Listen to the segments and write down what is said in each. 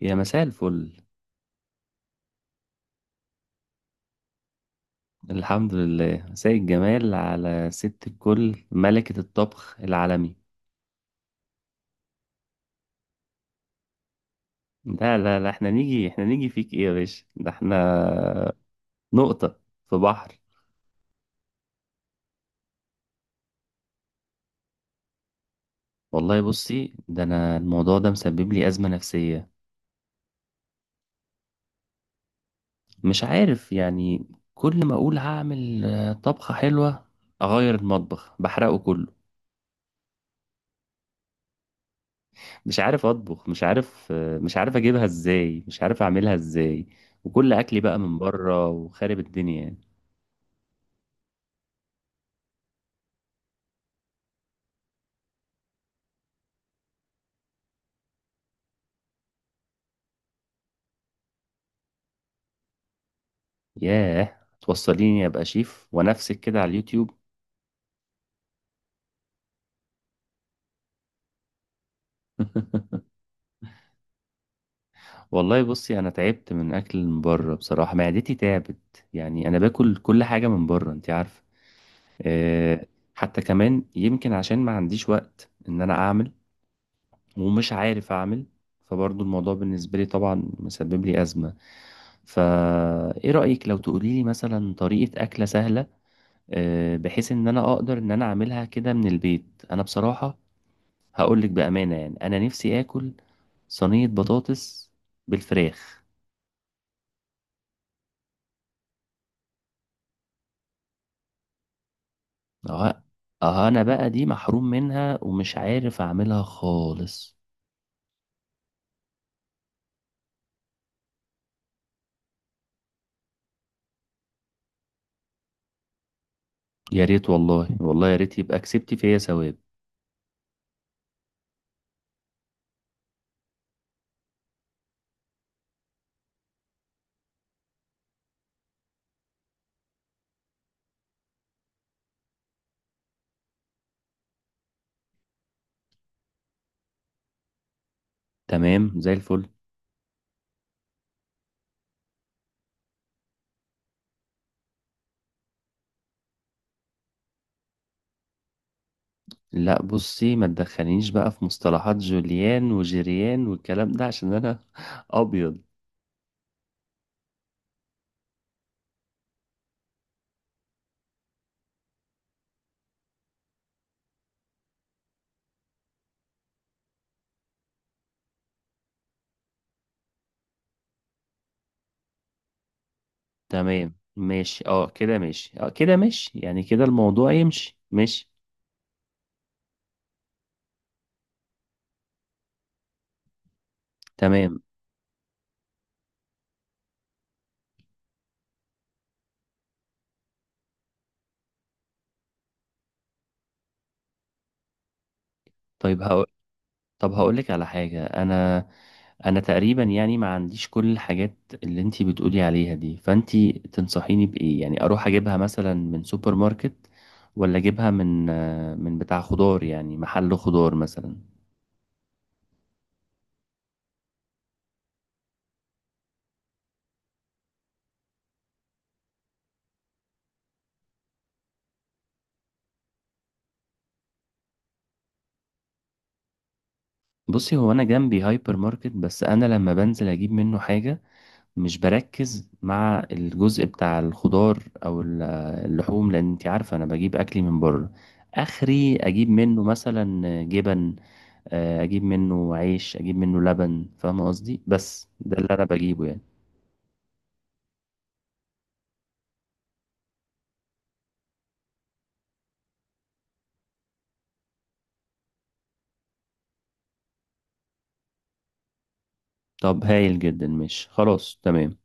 يا مساء الفل. الحمد لله، مساء الجمال على ست الكل، ملكة الطبخ العالمي. لا لا لا، احنا نيجي فيك ايه يا باشا؟ ده احنا نقطة في بحر. والله بصي، ده انا الموضوع ده مسبب لي أزمة نفسية. مش عارف يعني، كل ما اقول هعمل طبخة حلوة، اغير المطبخ بحرقه كله. مش عارف اطبخ، مش عارف مش عارف اجيبها ازاي، مش عارف اعملها ازاي، وكل اكلي بقى من بره وخارب الدنيا يعني. ياه، توصليني ابقى شيف؟ ونفسك كده على اليوتيوب؟ والله بصي، انا تعبت من اكل من بره بصراحه، معدتي تعبت، يعني انا باكل كل حاجه من بره، انت عارفه. أه. حتى كمان يمكن عشان ما عنديش وقت ان انا اعمل، ومش عارف اعمل، فبرضو الموضوع بالنسبه لي طبعا مسبب لي ازمه. فا ايه رايك لو تقولي لي مثلا طريقه اكله سهله؟ بحيث ان انا اقدر ان انا اعملها كده من البيت. انا بصراحه هقول لك بامانه، يعني انا نفسي اكل صينية بطاطس بالفراخ. اه. اه، انا بقى دي محروم منها ومش عارف اعملها خالص. يا ريت، والله والله يا ريت، يبقى كسبتي فيا ثواب. تمام زي الفل. لا بصي، ما تدخلنيش بقى في مصطلحات جوليان وجيريان والكلام ده عشان انا ابيض. تمام ماشي، اه كده ماشي، اه كده ماشي، يعني كده الموضوع يمشي، ماشي. تمام. طيب هقول طب هقولك على حاجة. أنا تقريبا يعني ما عنديش كل الحاجات اللي أنتي بتقولي عليها دي، فأنتي تنصحيني بإيه؟ يعني أروح أجيبها مثلا من سوبر ماركت، ولا أجيبها من بتاع خضار، يعني محل خضار مثلا؟ بصي، هو أنا جنبي هايبر ماركت، بس أنا لما بنزل أجيب منه حاجة مش بركز مع الجزء بتاع الخضار أو ال- اللحوم، لأن أنتي عارفة أنا بجيب أكلي من بره. آخري أجيب منه مثلا جبن، اجيب منه عيش، اجيب منه لبن، فاهم قصدي؟ بس ده اللي انا بجيبه يعني. طب هايل جدا، مش خلاص تمام.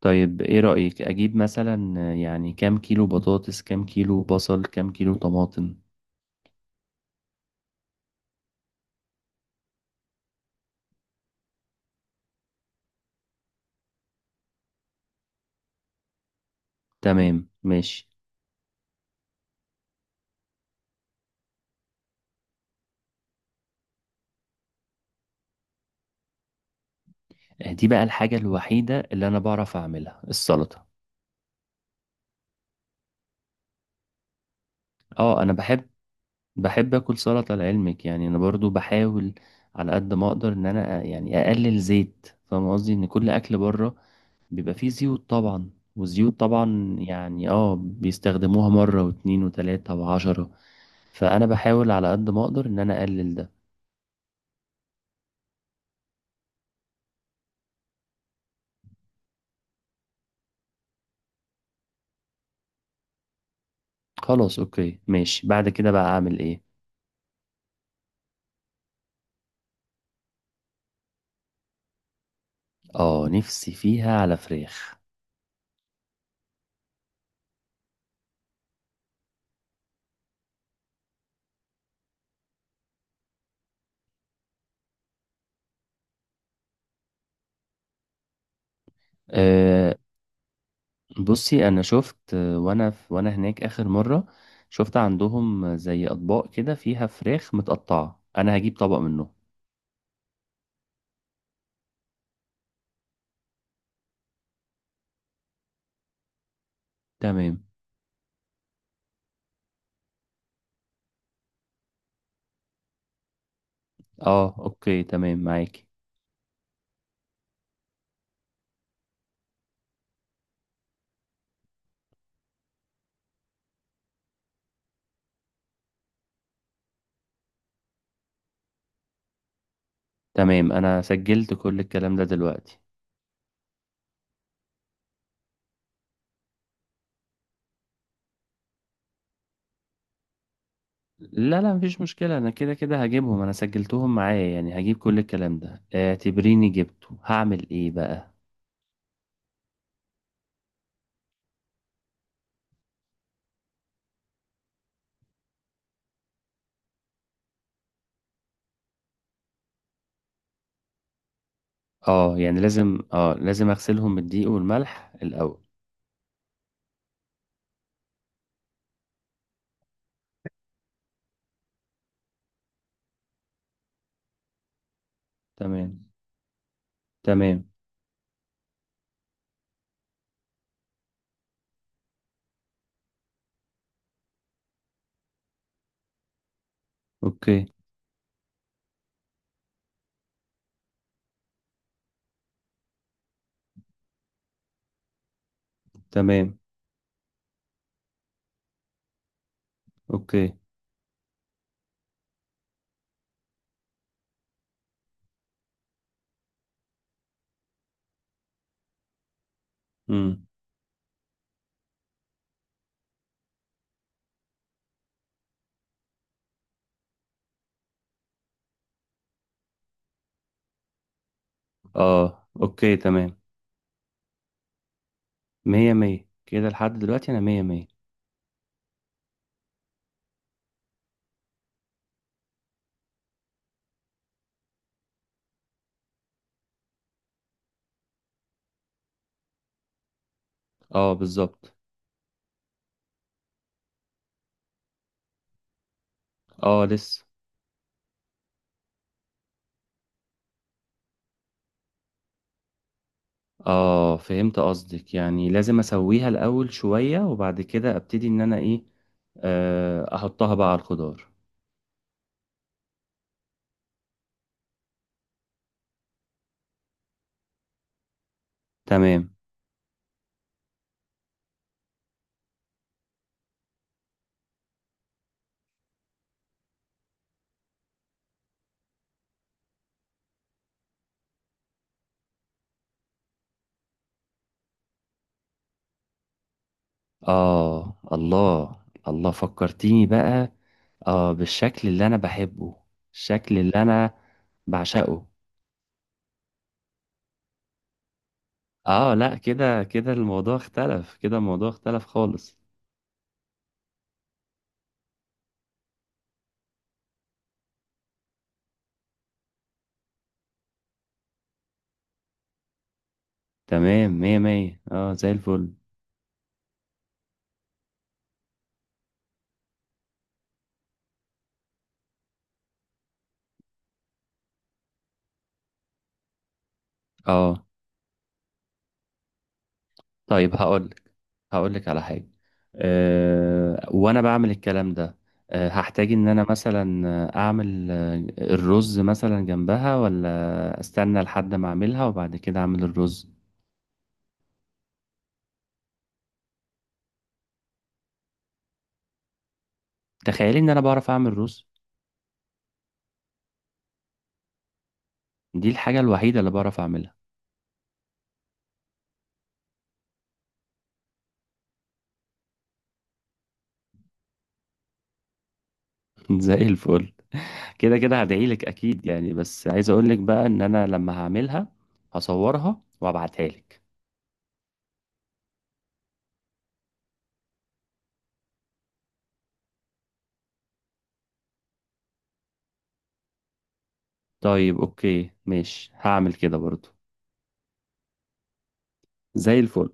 طيب ايه رأيك اجيب مثلا، يعني كام كيلو بطاطس، كام كيلو بصل، كام كيلو طماطم؟ تمام ماشي. دي بقى الحاجة الوحيدة اللي انا بعرف اعملها، السلطة. اه انا بحب اكل سلطة لعلمك، يعني انا برضو بحاول على قد ما اقدر ان انا يعني اقلل زيت. فاهم قصدي؟ ان كل اكل بره بيبقى فيه زيوت طبعا، والزيوت طبعا يعني اه بيستخدموها مرة 2 و3 و10، فأنا بحاول على قد ما أقدر إن أنا أقلل ده. خلاص أوكي ماشي، بعد كده بقى أعمل إيه؟ اه، نفسي فيها على فراخ. أه. بصي، أنا شفت وأنا هناك آخر مرة شفت عندهم زي أطباق كده فيها فراخ متقطعة، أنا هجيب طبق منه. تمام. اه اوكي تمام، معاكي. تمام، أنا سجلت كل الكلام ده دلوقتي. لا لا، مفيش مشكلة، أنا كده كده هجيبهم، أنا سجلتهم معايا يعني، هجيب كل الكلام ده، اعتبريني جبته. هعمل إيه بقى؟ اه، يعني لازم، لازم أغسلهم بالدقيق والملح الأول؟ تمام. تمام. أوكي تمام. أوكي. أمم. اه أوكي تمام. مية مية كده لحد دلوقتي، أنا مية مية. اه بالظبط. اه لسه. اه فهمت قصدك، يعني لازم أسويها الأول شوية وبعد كده أبتدي إن أنا إيه، أحطها بقى على الخضار. تمام. آه الله. الله، فكرتيني بقى. آه بالشكل اللي أنا بحبه، الشكل اللي أنا بعشقه. آه لا، كده كده الموضوع اختلف، كده الموضوع اختلف خالص. تمام مية مية، آه زي الفل. آه. طيب هقولك على حاجة. آه وأنا بعمل الكلام ده، هحتاج إن أنا مثلا أعمل الرز مثلا جنبها، ولا أستنى لحد ما أعملها وبعد كده أعمل الرز؟ تخيلي ان انا بعرف اعمل رز! دي الحاجة الوحيدة اللي بعرف اعملها. زي الفل. كده كده هدعيلك اكيد يعني، بس عايز اقولك بقى ان انا لما هعملها هصورها وابعتها لك. طيب اوكي ماشي، هعمل كده برضو. زي الفل.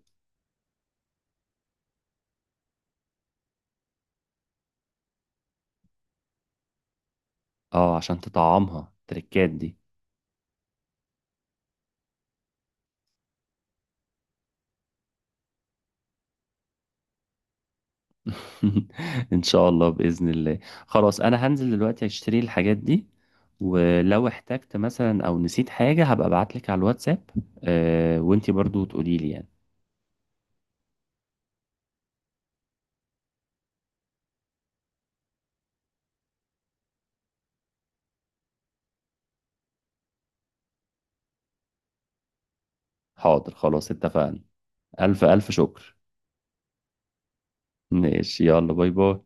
اه، عشان تطعمها التركات دي. ان شاء الله، باذن الله. خلاص، انا هنزل دلوقتي اشتري الحاجات دي، ولو احتجت مثلا او نسيت حاجة هبقى ابعتلك على الواتساب. آه، وانتي برضو تقولي لي يعني. حاضر، خلاص اتفقنا. ألف ألف شكر. ماشي يلا، باي باي.